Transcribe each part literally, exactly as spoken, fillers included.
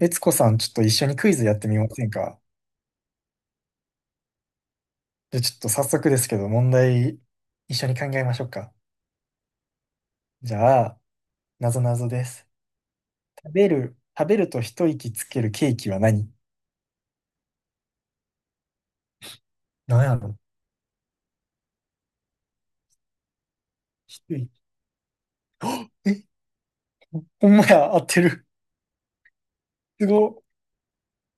悦子さん、ちょっと一緒にクイズやってみませんか？じゃあちょっと早速ですけど、問題、一緒に考えましょうか。じゃあ、なぞなぞです。食べる、食べると一息つけるケーキは何？何やろ？一息。あえ、ほんまや、合ってる。すごっ。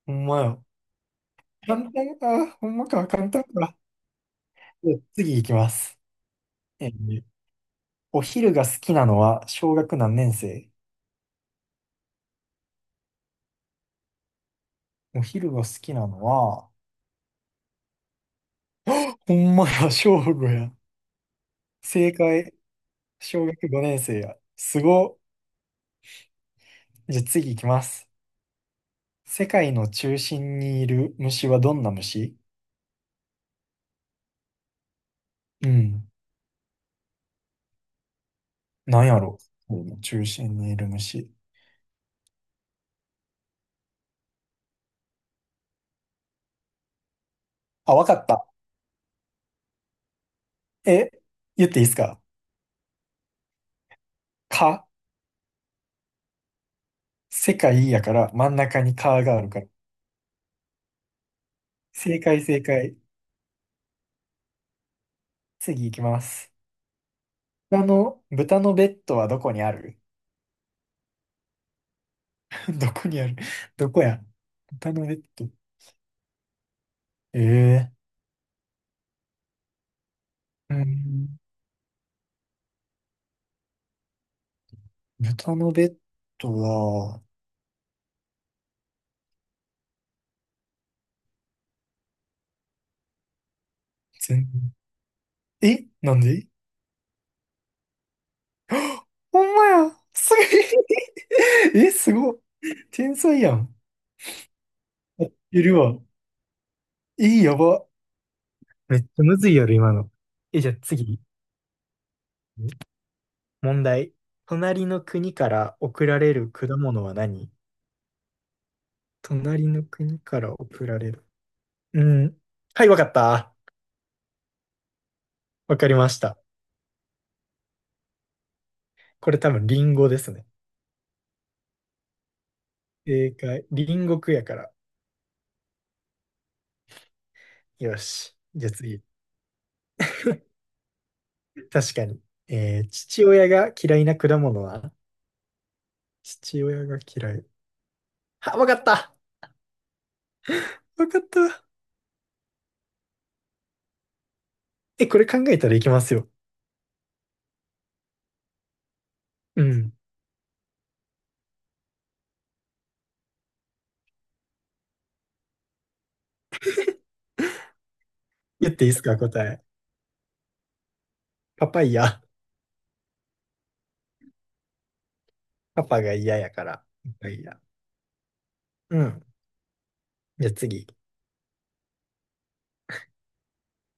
ほんまや。簡単か。ほんまか、簡単か。じゃあ次いきます。えーお昼が好きなのは小学何年生？お昼が好きなのは、あ、ほんまや、小五や。正解。小学ごねん生や。すご。じゃあ次行きます。世界の中心にいる虫はどんな虫？うん。なんやろ、世界の中心にいる虫。あ、わかった。え、言っていいですか？蚊。世界やから真ん中に蚊があるから。正解正解。次行きます。豚の、豚のベッドはどこにある？ どこにある？どこや？豚のベッド。ええー。うん。豚のベッドは、全、え、なんで？ほんまや。すごい。え、すごっ。天才やん。やってるわ。え、やば。めっちゃむずいやろ、今の。え、じゃあ次。問題。隣の国から送られる果物は何？隣の国から送られる。うん。はい、わかった。わかりました。これ多分リンゴですね。正解。リンゴ区やから。よし。じゃあ次。確かに。えー、父親が嫌いな果物は？父親が嫌い。あ、わかった。わかった。え、これ考えたらいきますよ。うん。言っていいですか、答え？パパイヤ。パパが嫌やから。パパイヤ。うん。じゃあ次。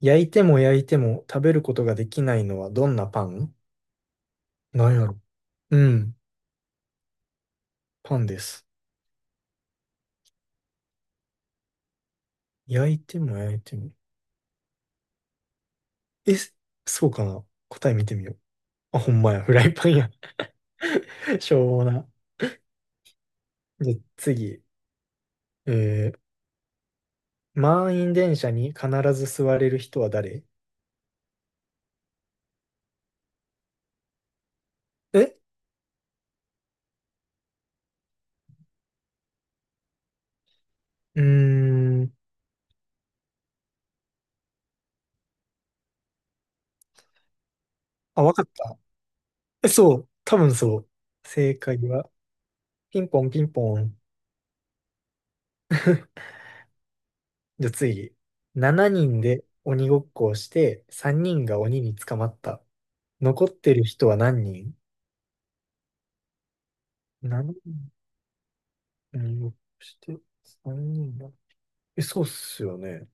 焼いても焼いても食べることができないのはどんなパン？なんやろ。うん。パンです。焼いても焼いても。え、そうかな。答え見てみよう。あ、ほんまや。フライパンや。しょうもな。じゃあ次。えー、満員電車に必ず座れる人は誰？えうーん。あ、わかった。えそう、多分そう。正解は、ピンポンピンポン。じゃあ次。しちにんで鬼ごっこをして、さんにんが鬼に捕まった。残ってる人は何人？ しち 人、鬼ごっこして、さんにんが。え、そうっすよね。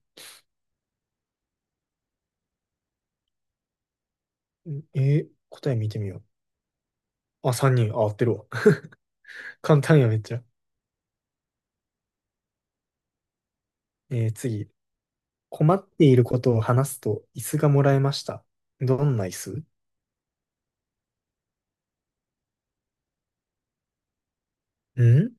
んえー答え見てみよう。あ、さんにん。あ、合ってるわ。簡単や、めっちゃ。えー次。困っていることを話すと、椅子がもらえました。どんな椅子？ん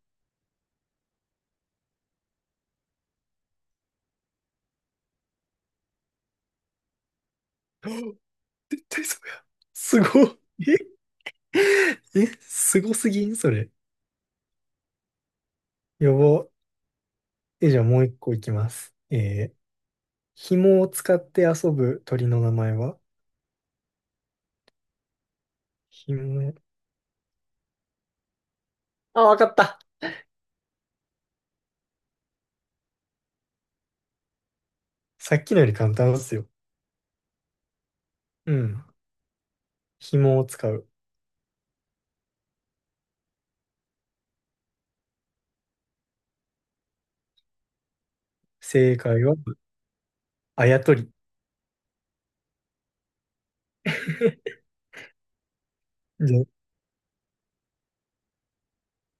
絶対そうや。すごい。え え、すごすぎんそれ。やば。え、じゃあもう一個いきます。えー、紐を使って遊ぶ鳥の名前は？紐。あ、わかった。さっきのより簡単ですよ。うん。紐を使う。正解は、あやとり。で、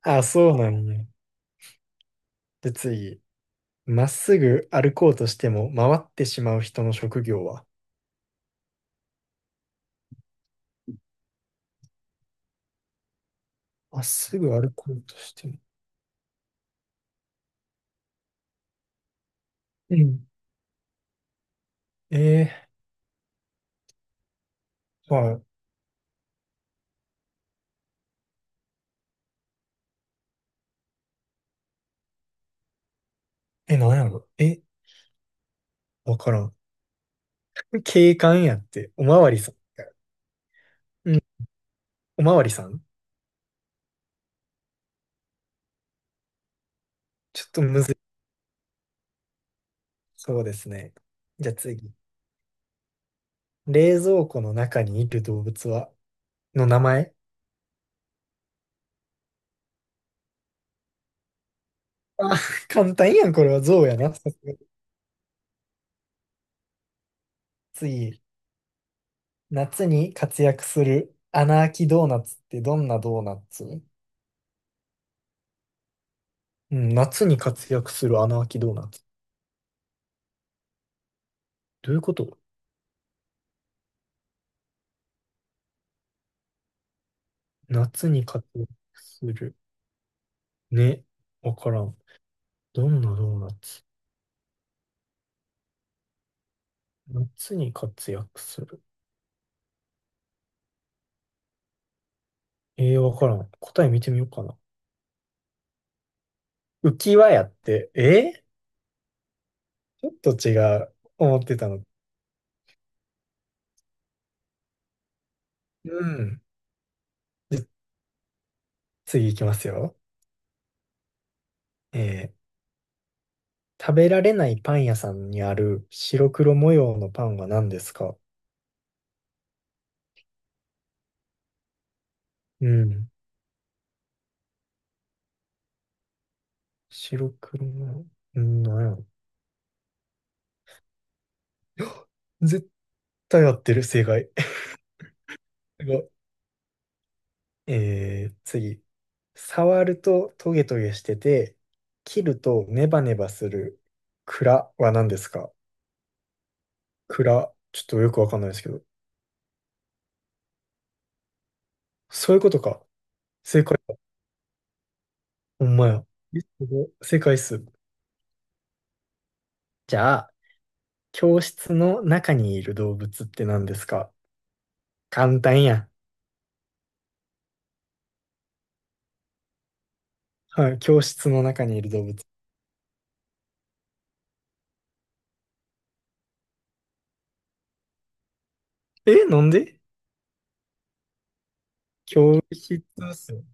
あ、そうなのね。で、次。まっすぐ歩こうとしても回ってしまう人の職業は？まっすぐ歩こうとしても。うん。えー、はい。え、なんやろ、え、わからん。警官やって、おまわりさんや。うん、おまわりさん？ちょっとむずい。そうですね。じゃあ次。冷蔵庫の中にいる動物は、の名前？あ、簡単やん、これは象やな。さすが。次。夏に活躍する穴あきドーナツってどんなドーナツ？うん、夏に活躍する穴あきドーナツ。どういうこと？夏に活躍する。ね。わからん。どんなドーナツ？夏に活躍する。えー、わからん。答え見てみようかな。浮き輪やって、えちょっと違う。思ってたの。うん。じ次行きますよ。えー、食べられないパン屋さんにある白黒模様のパンは何ですか？うん。白黒模様。んー、なんやろ。絶対合ってる、正解。すごい。えー、次。触るとトゲトゲしてて、切るとネバネバする蔵は何ですか？蔵。ちょっとよくわかんないですけど。そういうことか。正解。ほんまや。えすごい世界っす。じゃあ、教室の中にいる動物って何ですか？簡単や。はい、教室の中にいる動物。え、なんで？教室っすよ。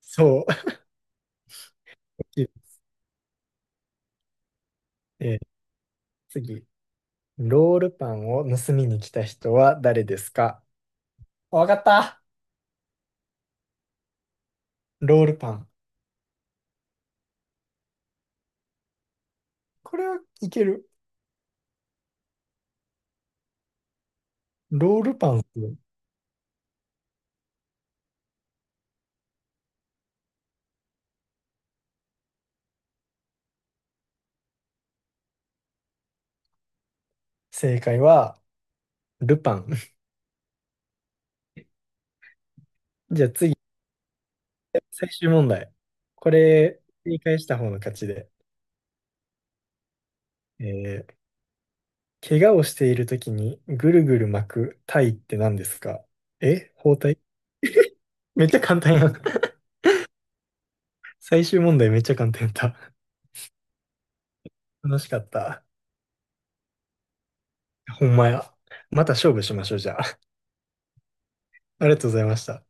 そう。えー次。ロールパンを盗みに来た人は誰ですか？わかった。ロールパン。これはいける。ロールパンっすよ。正解は、ルパン。じゃあ次、最終問題。これ、正解した方の勝ちで。えー怪我をしているときにぐるぐる巻く体って何ですか？え包帯。 めっちゃ簡単やん。最終問題めっちゃ簡単やった。楽しかった。ほんまや。また勝負しましょう、じゃあ。ありがとうございました。